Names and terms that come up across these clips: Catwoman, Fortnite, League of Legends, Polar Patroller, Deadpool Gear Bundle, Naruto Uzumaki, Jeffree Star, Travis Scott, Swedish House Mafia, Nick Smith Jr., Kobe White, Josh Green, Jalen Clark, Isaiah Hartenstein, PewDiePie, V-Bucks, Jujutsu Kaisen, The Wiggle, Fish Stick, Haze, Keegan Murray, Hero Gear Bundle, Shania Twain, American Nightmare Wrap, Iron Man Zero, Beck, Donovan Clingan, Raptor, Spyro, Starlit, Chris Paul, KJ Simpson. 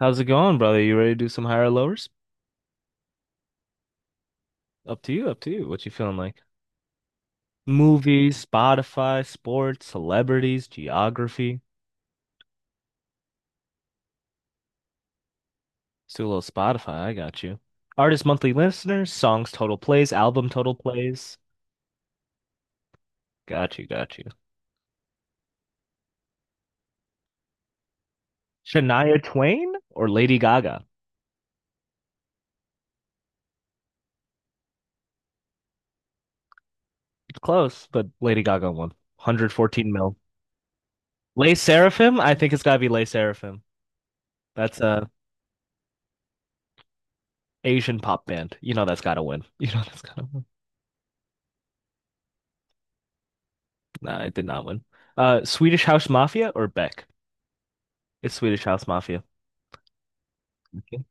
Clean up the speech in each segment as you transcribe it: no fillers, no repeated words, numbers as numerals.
How's it going, brother? You ready to do some higher lowers? Up to you, up to you. What you feeling like? Movies, Spotify, sports, celebrities, geography. Let's do a little Spotify. I got you. Artist monthly listeners, songs total plays, album total plays. Got you, got you. Shania Twain or Lady Gaga? It's close, but Lady Gaga won. 114 mil. Les Seraphim? I think it's gotta be Les Seraphim. That's a Asian pop band. You know that's gotta win. You know that's gotta win. No, I did not win. Swedish House Mafia or Beck? It's Swedish House Mafia. Okay.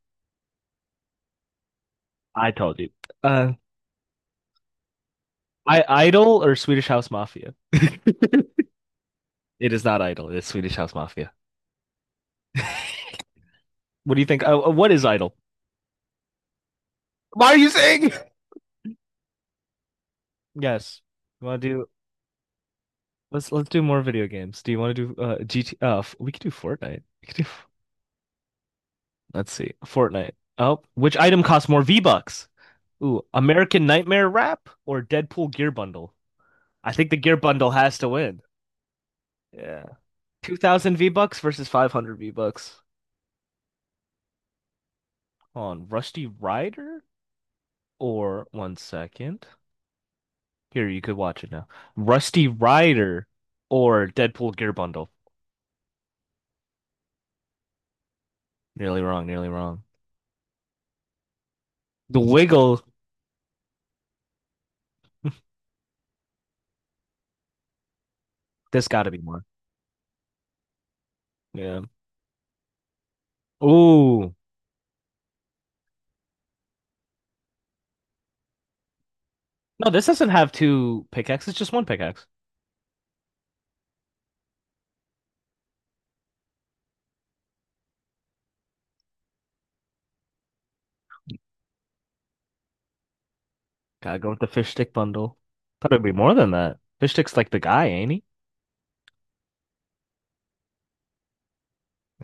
I told you. Uh, I Idol or Swedish House Mafia? It is not Idol. It is Swedish House Mafia. What do you think? What is Idol? Why are you saying? Yes. You want to do? Let's do more video games. Do you want to do GT? We could do Fortnite. We could do. Let's see, Fortnite. Oh, which item costs more V-Bucks? Ooh, American Nightmare Wrap or Deadpool Gear Bundle? I think the Gear Bundle has to win. Yeah. 2000 V-Bucks versus 500 V-Bucks on Rusty Rider or one second. Here, you could watch it now. Rusty Rider or Deadpool Gear Bundle. Nearly wrong, nearly wrong. The Wiggle, this gotta be more. Yeah. Ooh. No, this doesn't have two pickaxes, just one pickaxe. Gotta go with the fish stick bundle. Thought it'd be more than that. Fish stick's like the guy, ain't he?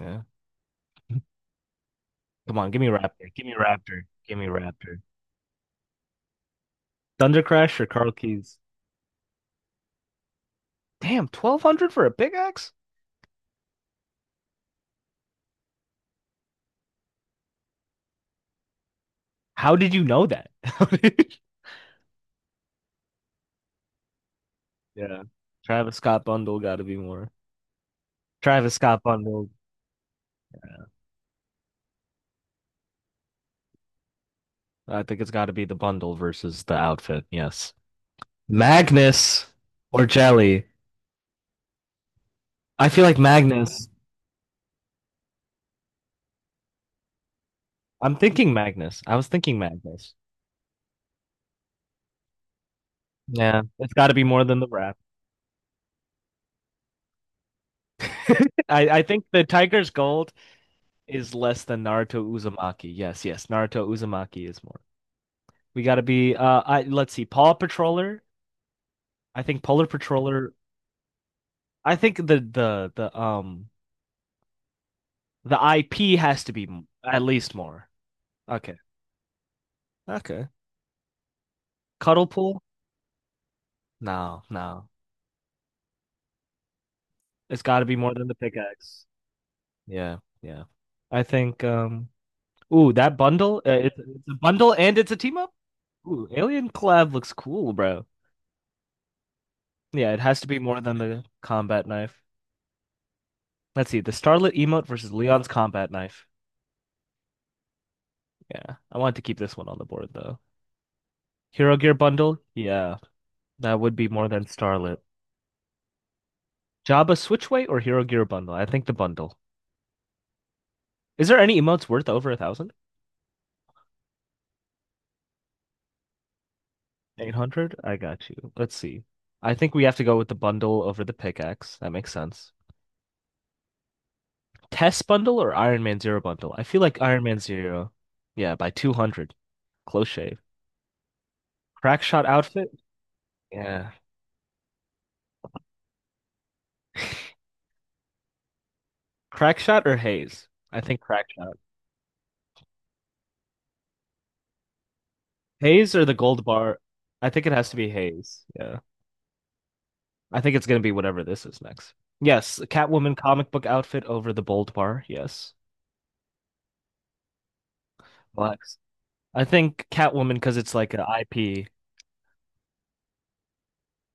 Yeah. Come on, give me Raptor. Give me Raptor. Give me Raptor. Thunder Crash or Carl Keys? Damn, 1,200 for a pickaxe? How did you know that? Yeah, Travis Scott bundle got to be more. Travis Scott bundle. I think it's got to be the bundle versus the outfit. Yes, Magnus or Jelly. I feel like Magnus. I'm thinking Magnus. I was thinking Magnus. Yeah, it's got to be more than the rap. I think the Tiger's Gold is less than Naruto Uzumaki. Yes, yes, Naruto Uzumaki is more. We got to be. I let's see. Paw Patroller. I think Polar Patroller I think the IP has to be at least more. Okay. Okay. Cuddle pool? No, no. It's got to be more than the pickaxe. Yeah, yeah. I think ooh, that bundle, it's a bundle and it's a team up? Ooh, Alien Collab looks cool, bro. Yeah, it has to be more than the combat knife. Let's see, the Starlit emote versus Leon's combat knife. Yeah, I want to keep this one on the board though. Hero Gear bundle? Yeah, that would be more than Starlit. Jabba Switchway or Hero Gear Bundle? I think the bundle. Is there any emotes worth over a thousand? 800? I got you. Let's see. I think we have to go with the bundle over the pickaxe. That makes sense. Test bundle or Iron Man Zero bundle? I feel like Iron Man Zero. Yeah, by 200. Close shave. Crackshot outfit? Yeah. Crackshot or Haze? I think Crackshot. Haze or the gold bar? I think it has to be Haze. Yeah. I think it's going to be whatever this is next. Yes, Catwoman comic book outfit over the bold bar. Yes. Black I think Catwoman because it's like an IP. Do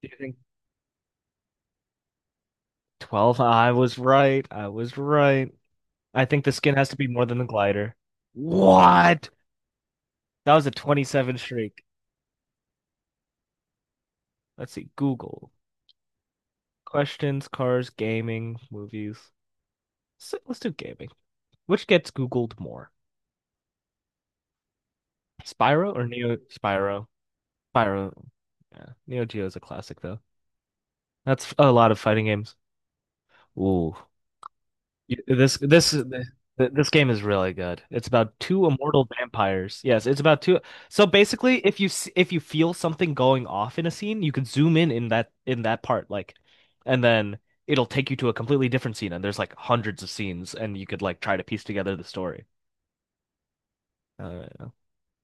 you think 12? I was right. I was right. I think the skin has to be more than the glider. What? That was a 27 streak. Let's see. Google. Questions, cars, gaming, movies. So let's do gaming. Which gets Googled more? Spyro or Neo Spyro? Spyro. Yeah. Neo Geo is a classic though. That's a lot of fighting games. Ooh. This game is really good. It's about two immortal vampires. Yes, it's about two. So basically, if you feel something going off in a scene, you could zoom in in that part, like, and then it'll take you to a completely different scene. And there's like hundreds of scenes, and you could like try to piece together the story. Uh,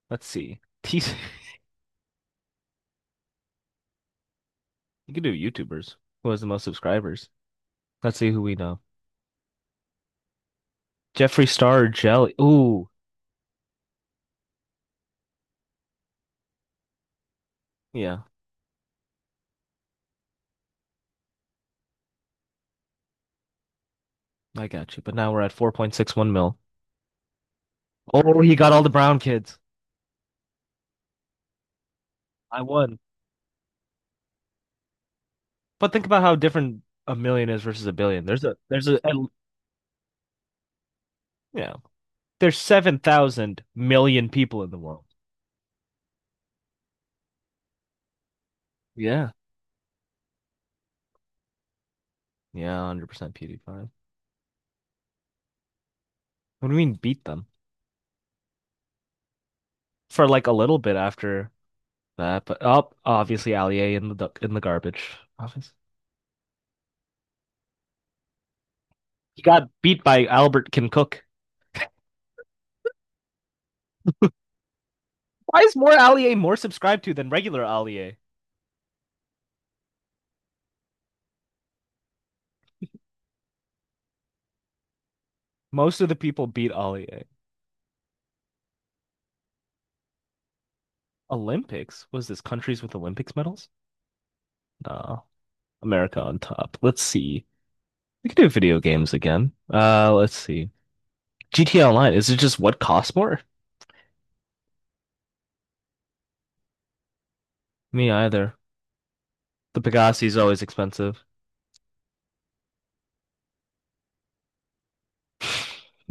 let's see. You could do YouTubers. Who has the most subscribers? Let's see who we know. Jeffree Star or Jelly. Ooh, yeah, I got you. But now we're at 4.61 mil. Oh, he got all the brown kids. I won. But think about how different a million is versus a billion. There's a Yeah. There's seven thousand million people in the world. Yeah. Yeah, 100% PewDiePie. What do you mean beat them? For like a little bit after that, but oh, obviously Allier in the in the garbage. Obviously. He got beat by Albert Can Cook. Why is more Allier more subscribed to than regular Allier? Most of the people beat Allier. Olympics? Was this countries with Olympics medals? No. America on top. Let's see. We could do video games again. Let's see. GTA Online, is it just what costs more? Me either. The Pegasi is always expensive.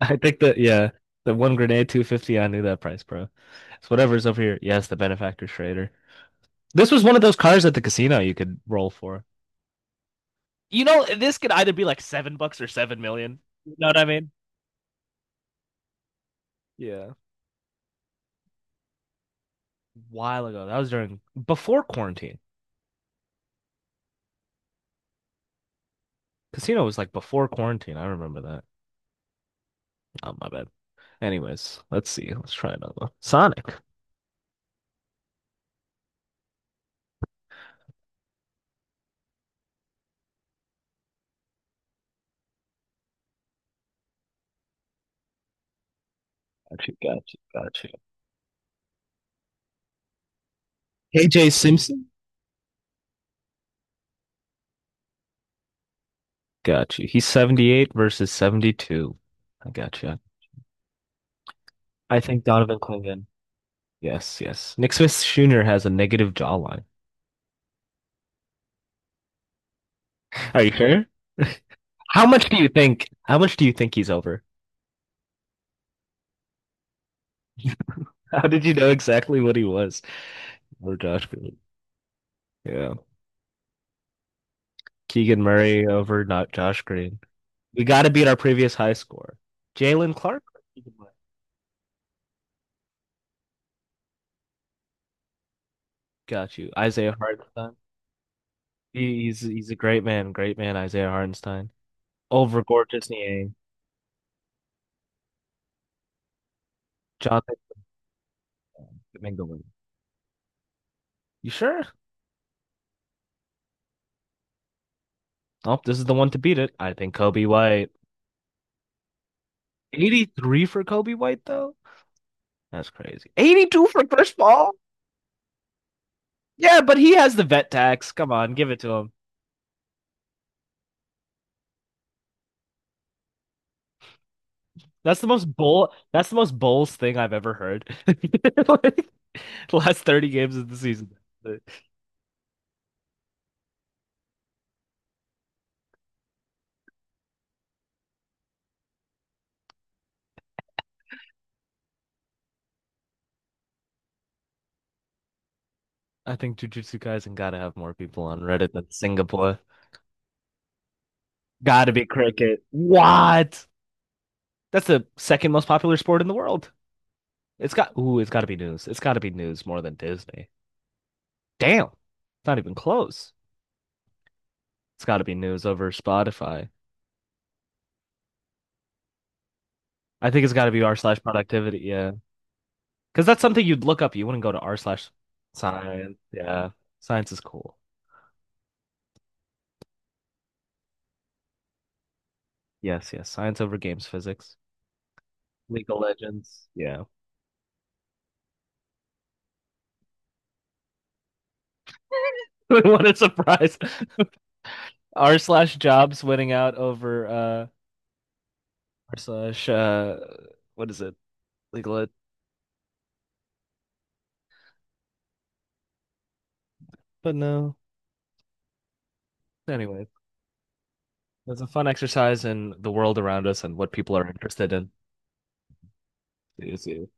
I think that, yeah, the one grenade, 250, I knew that price, bro. It's whatever's over here. Yes, the benefactor trader. This was one of those cars at the casino you could roll for. You know, this could either be like $7 or 7 million. You know what I mean? Yeah. A while ago. That was during before quarantine. Casino was like before quarantine. I remember that. Oh, my bad. Anyways, let's see. Let's try another one. Sonic. Got you, got you, got you. KJ Simpson? Got you. He's 78 versus 72. I got you. I think Donovan Clingan. Yes, yes. Nick Smith Jr. has a negative jawline. Are you sure? How much do you think? How much do you think he's over? How did you know exactly what he was over Josh Green? Yeah. Keegan Murray over not Josh Green. We got to beat our previous high score. Jalen Clark? Got you. Isaiah Hartenstein. He's a great man, Isaiah Hartenstein. Over Gore Disney, Jonathan Mingowy. You sure? Oh, this is the one to beat it. I think Kobe White. 83 for Kobe White, though? That's crazy. 82 for Chris Paul? Yeah, but he has the vet tax. Come on, give it to him. That's the most bulls thing I've ever heard. Like, the last 30 games of the season. I think Jujutsu Kaisen gotta have more people on Reddit than Singapore. Gotta be cricket. What? That's the second most popular sport in the world. It's got to be news. It's got to be news more than Disney. Damn, it's not even close. It's got to be news over Spotify. I think it's got to be r/productivity. Yeah, because that's something you'd look up. You wouldn't go to r/science. Yeah, science is cool. Yes, yes, science over games physics. League of Legends. Yeah. What a surprise. r/jobs winning out over R slash what is it? League of Legends. But no. Anyway. It's a fun exercise in the world around us and what people are interested in. It's-